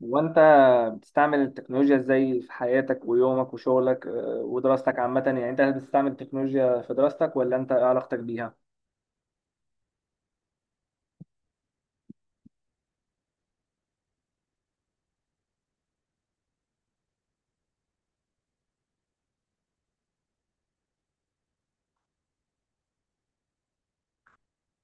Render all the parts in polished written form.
وانت بتستعمل التكنولوجيا ازاي في حياتك ويومك وشغلك ودراستك عامة. يعني انت هل بتستعمل التكنولوجيا في دراستك ولا انت ايه علاقتك بيها؟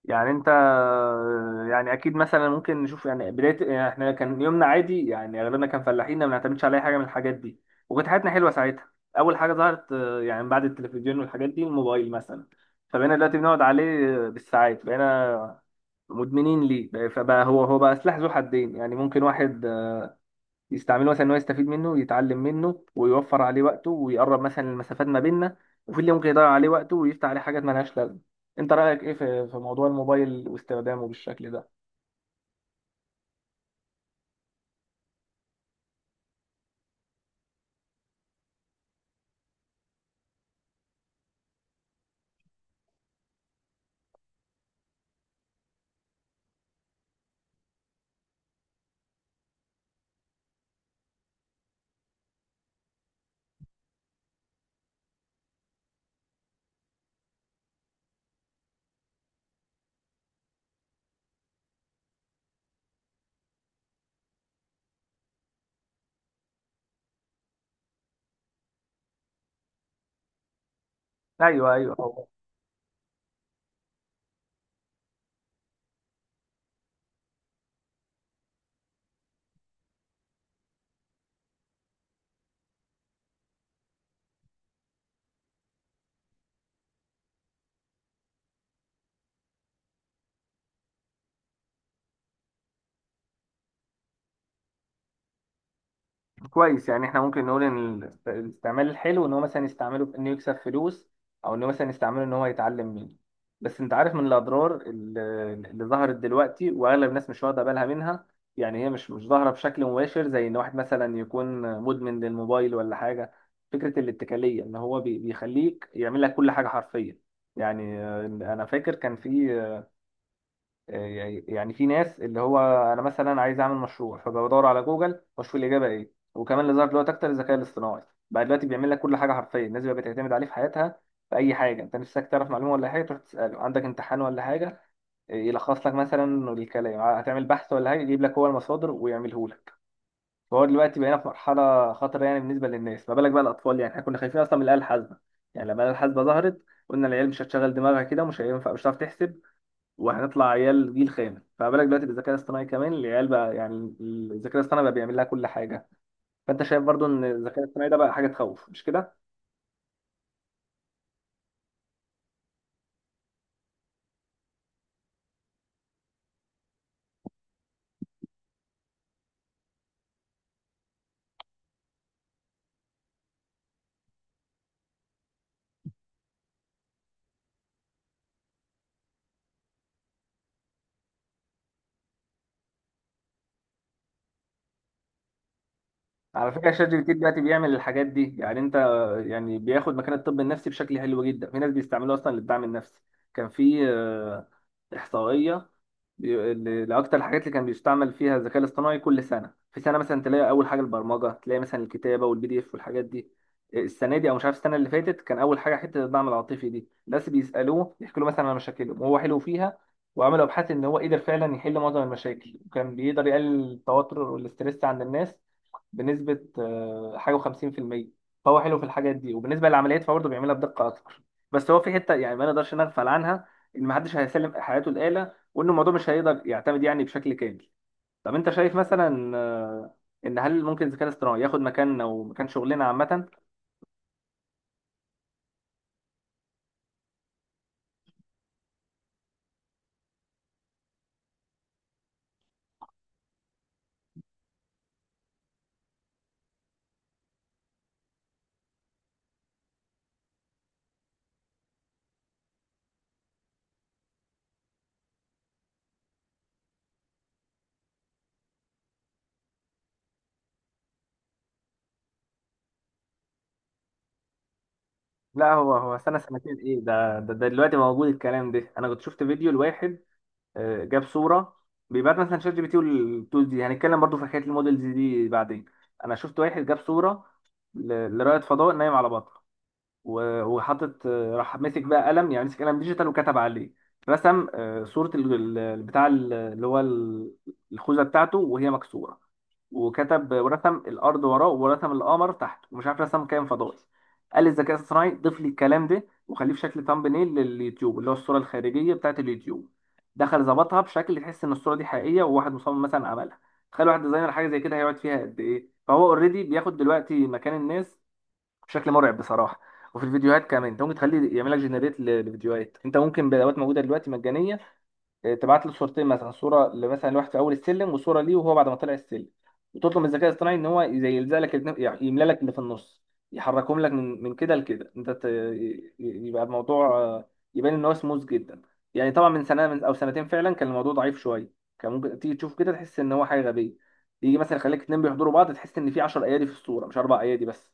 يعني انت يعني اكيد مثلا ممكن نشوف يعني بداية يعني احنا كان يومنا عادي يعني اغلبنا كان فلاحين ما بنعتمدش على اي حاجة من الحاجات دي. وكانت حياتنا حلوة ساعتها. اول حاجة ظهرت يعني بعد التلفزيون والحاجات دي الموبايل مثلا. فبقينا دلوقتي بنقعد عليه بالساعات، بقينا مدمنين ليه فبقى هو بقى سلاح ذو حدين، يعني ممكن واحد يستعمله مثلا ان هو يستفيد منه يتعلم منه ويوفر عليه وقته ويقرب مثلا المسافات ما بيننا، وفي اللي ممكن يضيع عليه وقته ويفتح عليه حاجات مالهاش لازمه. انت رايك ايه في موضوع الموبايل واستخدامه بالشكل ده؟ ايوه، ايوه. كويس، يعني احنا ممكن نقول ان الاستعمال الحلو ان هو مثلا يستعمله في انه يكسب فلوس، او انه مثلا يستعمله ان هو يتعلم منه. بس انت عارف من الاضرار اللي ظهرت دلوقتي واغلب الناس مش واخده بالها منها. يعني هي مش ظاهره بشكل مباشر زي ان واحد مثلا يكون مدمن للموبايل ولا حاجه. فكره الاتكاليه ان هو بيخليك يعمل لك كل حاجه حرفيا. يعني انا فاكر كان في يعني في ناس اللي هو، انا مثلا عايز اعمل مشروع فبدور على جوجل واشوف الاجابه ايه. وكمان اللي ظهر دلوقتي اكتر الذكاء الاصطناعي، بقى دلوقتي بيعمل لك كل حاجه حرفيا. الناس بقى بتعتمد عليه في حياتها في اي حاجه. انت نفسك تعرف معلومه ولا حاجه تروح تساله، عندك امتحان ولا حاجه يلخص لك مثلا الكلام، هتعمل بحث ولا حاجه يجيب لك هو المصادر ويعمله لك. فهو دلوقتي بقينا في مرحله خطره يعني بالنسبه للناس، ما بالك بقى الاطفال. يعني احنا كنا خايفين اصلا من الاله الحاسبه، يعني لما الاله الحاسبه ظهرت قلنا العيال مش هتشغل دماغها كده، مش هينفع، مش هتعرف تحسب، وهنطلع عيال جيل خامس. فما بالك دلوقتي بالذكاء الاصطناعي كمان، العيال بقى يعني الذكاء الاصطناعي بقى بيعمل لها كل حاجه. فانت شايف برضو ان الذكاء الاصطناعي ده بقى حاجه تخوف، مش كده؟ على فكره، شات جي بي تي دلوقتي بيعمل الحاجات دي يعني، انت يعني بياخد مكان الطب النفسي بشكل حلو جدا. في ناس بيستعملوه اصلا للدعم النفسي. كان في احصائيه، اللي اكتر الحاجات اللي كان بيستعمل فيها الذكاء الاصطناعي كل سنه في سنه، مثلا تلاقي اول حاجه البرمجه، تلاقي مثلا الكتابه والبي دي اف والحاجات دي. السنه دي او مش عارف السنه اللي فاتت، كان اول حاجه حته الدعم العاطفي. دي الناس بيسالوه يحكوا له مثلا عن مشاكلهم وهو حلو فيها، وعملوا ابحاث ان هو قدر فعلا يحل معظم المشاكل، وكان بيقدر يقلل التوتر والاستريس عند الناس بنسبه حاجه و50%. فهو حلو في الحاجات دي، وبالنسبه للعمليات فهو برضه بيعملها بدقه اكتر. بس هو في حته يعني ما نقدرش نغفل عنها، ان محدش هيسلم حياته الاله، وان الموضوع مش هيقدر يعتمد يعني بشكل كامل. طب انت شايف مثلا ان هل ممكن الذكاء الاصطناعي ياخد مكاننا ومكان شغلنا عامه؟ لا، هو سنه سنتين ايه ده دلوقتي موجود الكلام ده. انا كنت شفت فيديو لواحد جاب صوره، بيبعت مثلا شات جي بي تي والتولز دي، هنتكلم برضو في حكايه المودلز دي بعدين. انا شفت واحد جاب صوره لرائد فضاء نايم على بطن، وحاطط راح ماسك بقى قلم، يعني مسك قلم ديجيتال وكتب عليه، رسم صورة ال- ال- البتاع ال- اللي هو ال- الخوذة بتاعته وهي مكسورة، وكتب ورسم الأرض وراه ورسم القمر تحته ومش عارف رسم كائن فضائي. قال للذكاء الاصطناعي ضيف لي الكلام ده وخليه في شكل thumbnail لليوتيوب، اللي هو الصورة الخارجية بتاعت اليوتيوب. دخل ظبطها بشكل تحس ان الصورة دي حقيقية وواحد مصمم مثلا عملها. تخيل واحد ديزاينر حاجة زي كده هيقعد فيها قد ايه. فهو اوريدي بياخد دلوقتي مكان الناس بشكل مرعب بصراحه. وفي الفيديوهات كمان، انت ممكن تخليه يعمل لك جنريت للفيديوهات. انت ممكن بادوات موجوده دلوقتي مجانيه، اه، تبعت له صورتين، مثلا صوره مثلا لواحد في اول السلم وصوره ليه وهو بعد ما طلع السلم، وتطلب من الذكاء الاصطناعي ان هو زي يلزق لك يعني يملى لك اللي في النص، يحركهم لك من كده لكده. انت يبقى الموضوع يبان ان هو سموث جدا. يعني طبعا من سنه او سنتين فعلا كان الموضوع ضعيف شويه. كان ممكن تيجي تشوف كده تحس ان هو حاجه غبيه، يجي مثلا يخليك اتنين بيحضروا بعض تحس ان في 10 ايادي في الصوره مش 4 ايادي بس.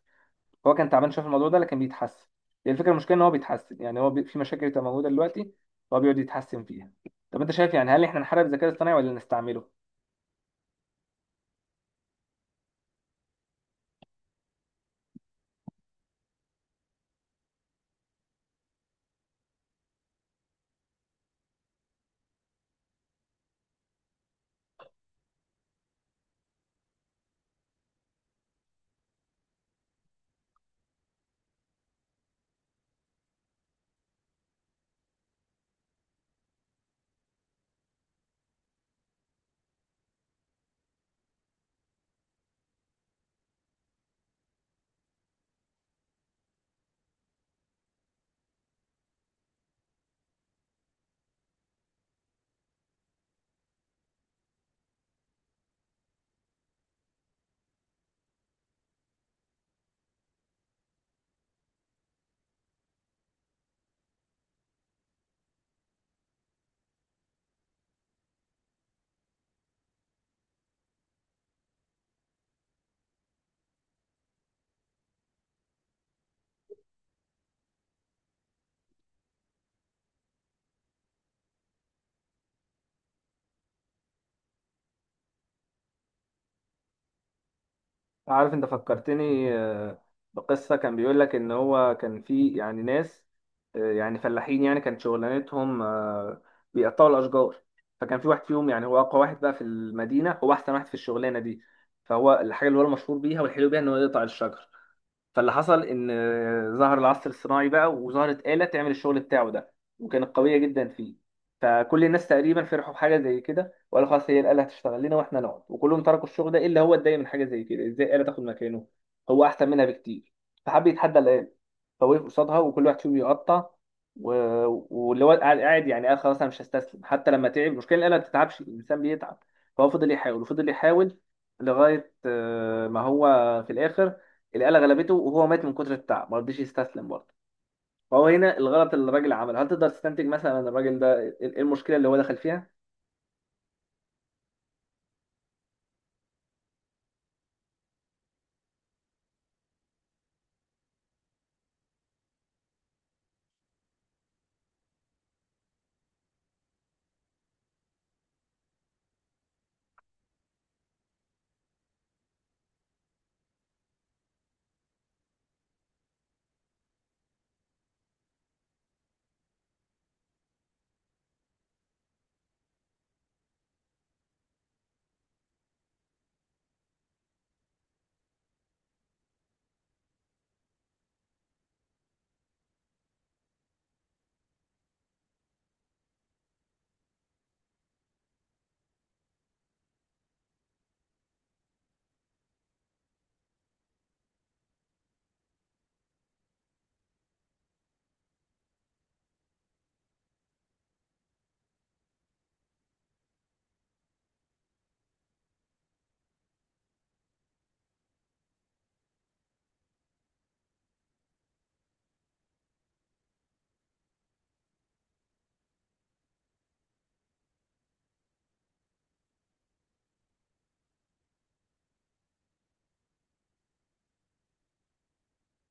هو كان تعبان شويه في الموضوع ده لكن بيتحسن. هي الفكره، المشكله ان هو بيتحسن. يعني هو في مشاكل بتبقى موجوده دلوقتي هو بيقعد يتحسن فيها. طب انت شايف يعني هل احنا نحارب الذكاء الاصطناعي ولا نستعمله؟ عارف، انت فكرتني بقصة، كان بيقول لك ان هو كان في يعني ناس يعني فلاحين يعني كانت شغلانتهم بيقطعوا الاشجار. فكان في واحد فيهم يعني هو اقوى واحد بقى في المدينة، هو احسن واحد في الشغلانة دي. فهو الحاجة اللي هو المشهور بيها والحلو بيها ان هو يقطع الشجر. فاللي حصل ان ظهر العصر الصناعي بقى، وظهرت آلة تعمل الشغل بتاعه ده، وكانت قوية جدا فيه. فكل الناس تقريبا فرحوا بحاجة زي كده وقالوا خلاص هي الآلة هتشتغل لنا واحنا نقعد، وكلهم تركوا الشغل ده الا هو. اتضايق من حاجة زي كده، ازاي آلة تاخد مكانه هو احسن منها بكتير؟ فحب يتحدى الآلة، فوقف قصادها وكل واحد فيهم يقطع و... واللي هو قاعد قاعد يعني، قال خلاص انا مش هستسلم حتى لما تعب. المشكله الآلة ما بتتعبش، الانسان بيتعب. فهو فضل يحاول وفضل يحاول لغايه ما هو في الاخر الآلة غلبته، وهو مات من كتر التعب ما رضيش يستسلم برضه. فهو هنا الغلط اللي الراجل عمله، هل تقدر تستنتج مثلا إن الراجل ده ايه إيه المشكلة اللي هو دخل فيها؟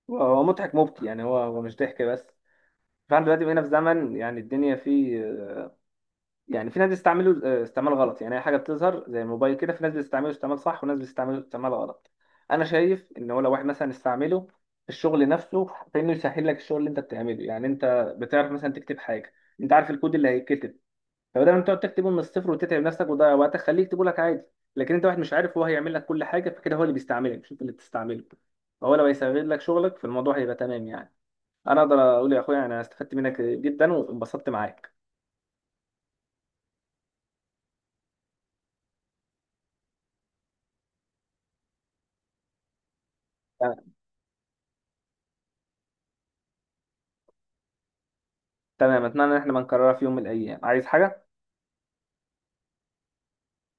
هو مضحك مبكي يعني، هو مش ضحك بس. فاحنا دلوقتي بقينا في زمن يعني الدنيا فيه، يعني في ناس بيستعملوا استعمال غلط. يعني اي حاجه بتظهر زي الموبايل كده، في ناس بتستعمله استعمال صح وناس بتستعمله استعمال غلط. انا شايف ان هو لو واحد مثلا استعمله في الشغل نفسه، فانه يسهل لك الشغل اللي انت بتعمله. يعني انت بتعرف مثلا تكتب حاجه، انت عارف الكود اللي هيتكتب، فبدل ما انت تقعد تكتبه من الصفر وتتعب نفسك وتضيع وقتك خليه يكتبه لك عادي. لكن انت واحد مش عارف، هو هيعمل لك كل حاجه، فكده هو اللي بيستعملك مش انت اللي بتستعمله. فهو لو هيسهل لك شغلك فالموضوع هيبقى تمام يعني. انا اقدر اقول يا اخويا يعني انا استفدت منك جدا وانبسطت معاك. تمام، اتمنى ان احنا ما نكررها في يوم من الايام. عايز حاجه؟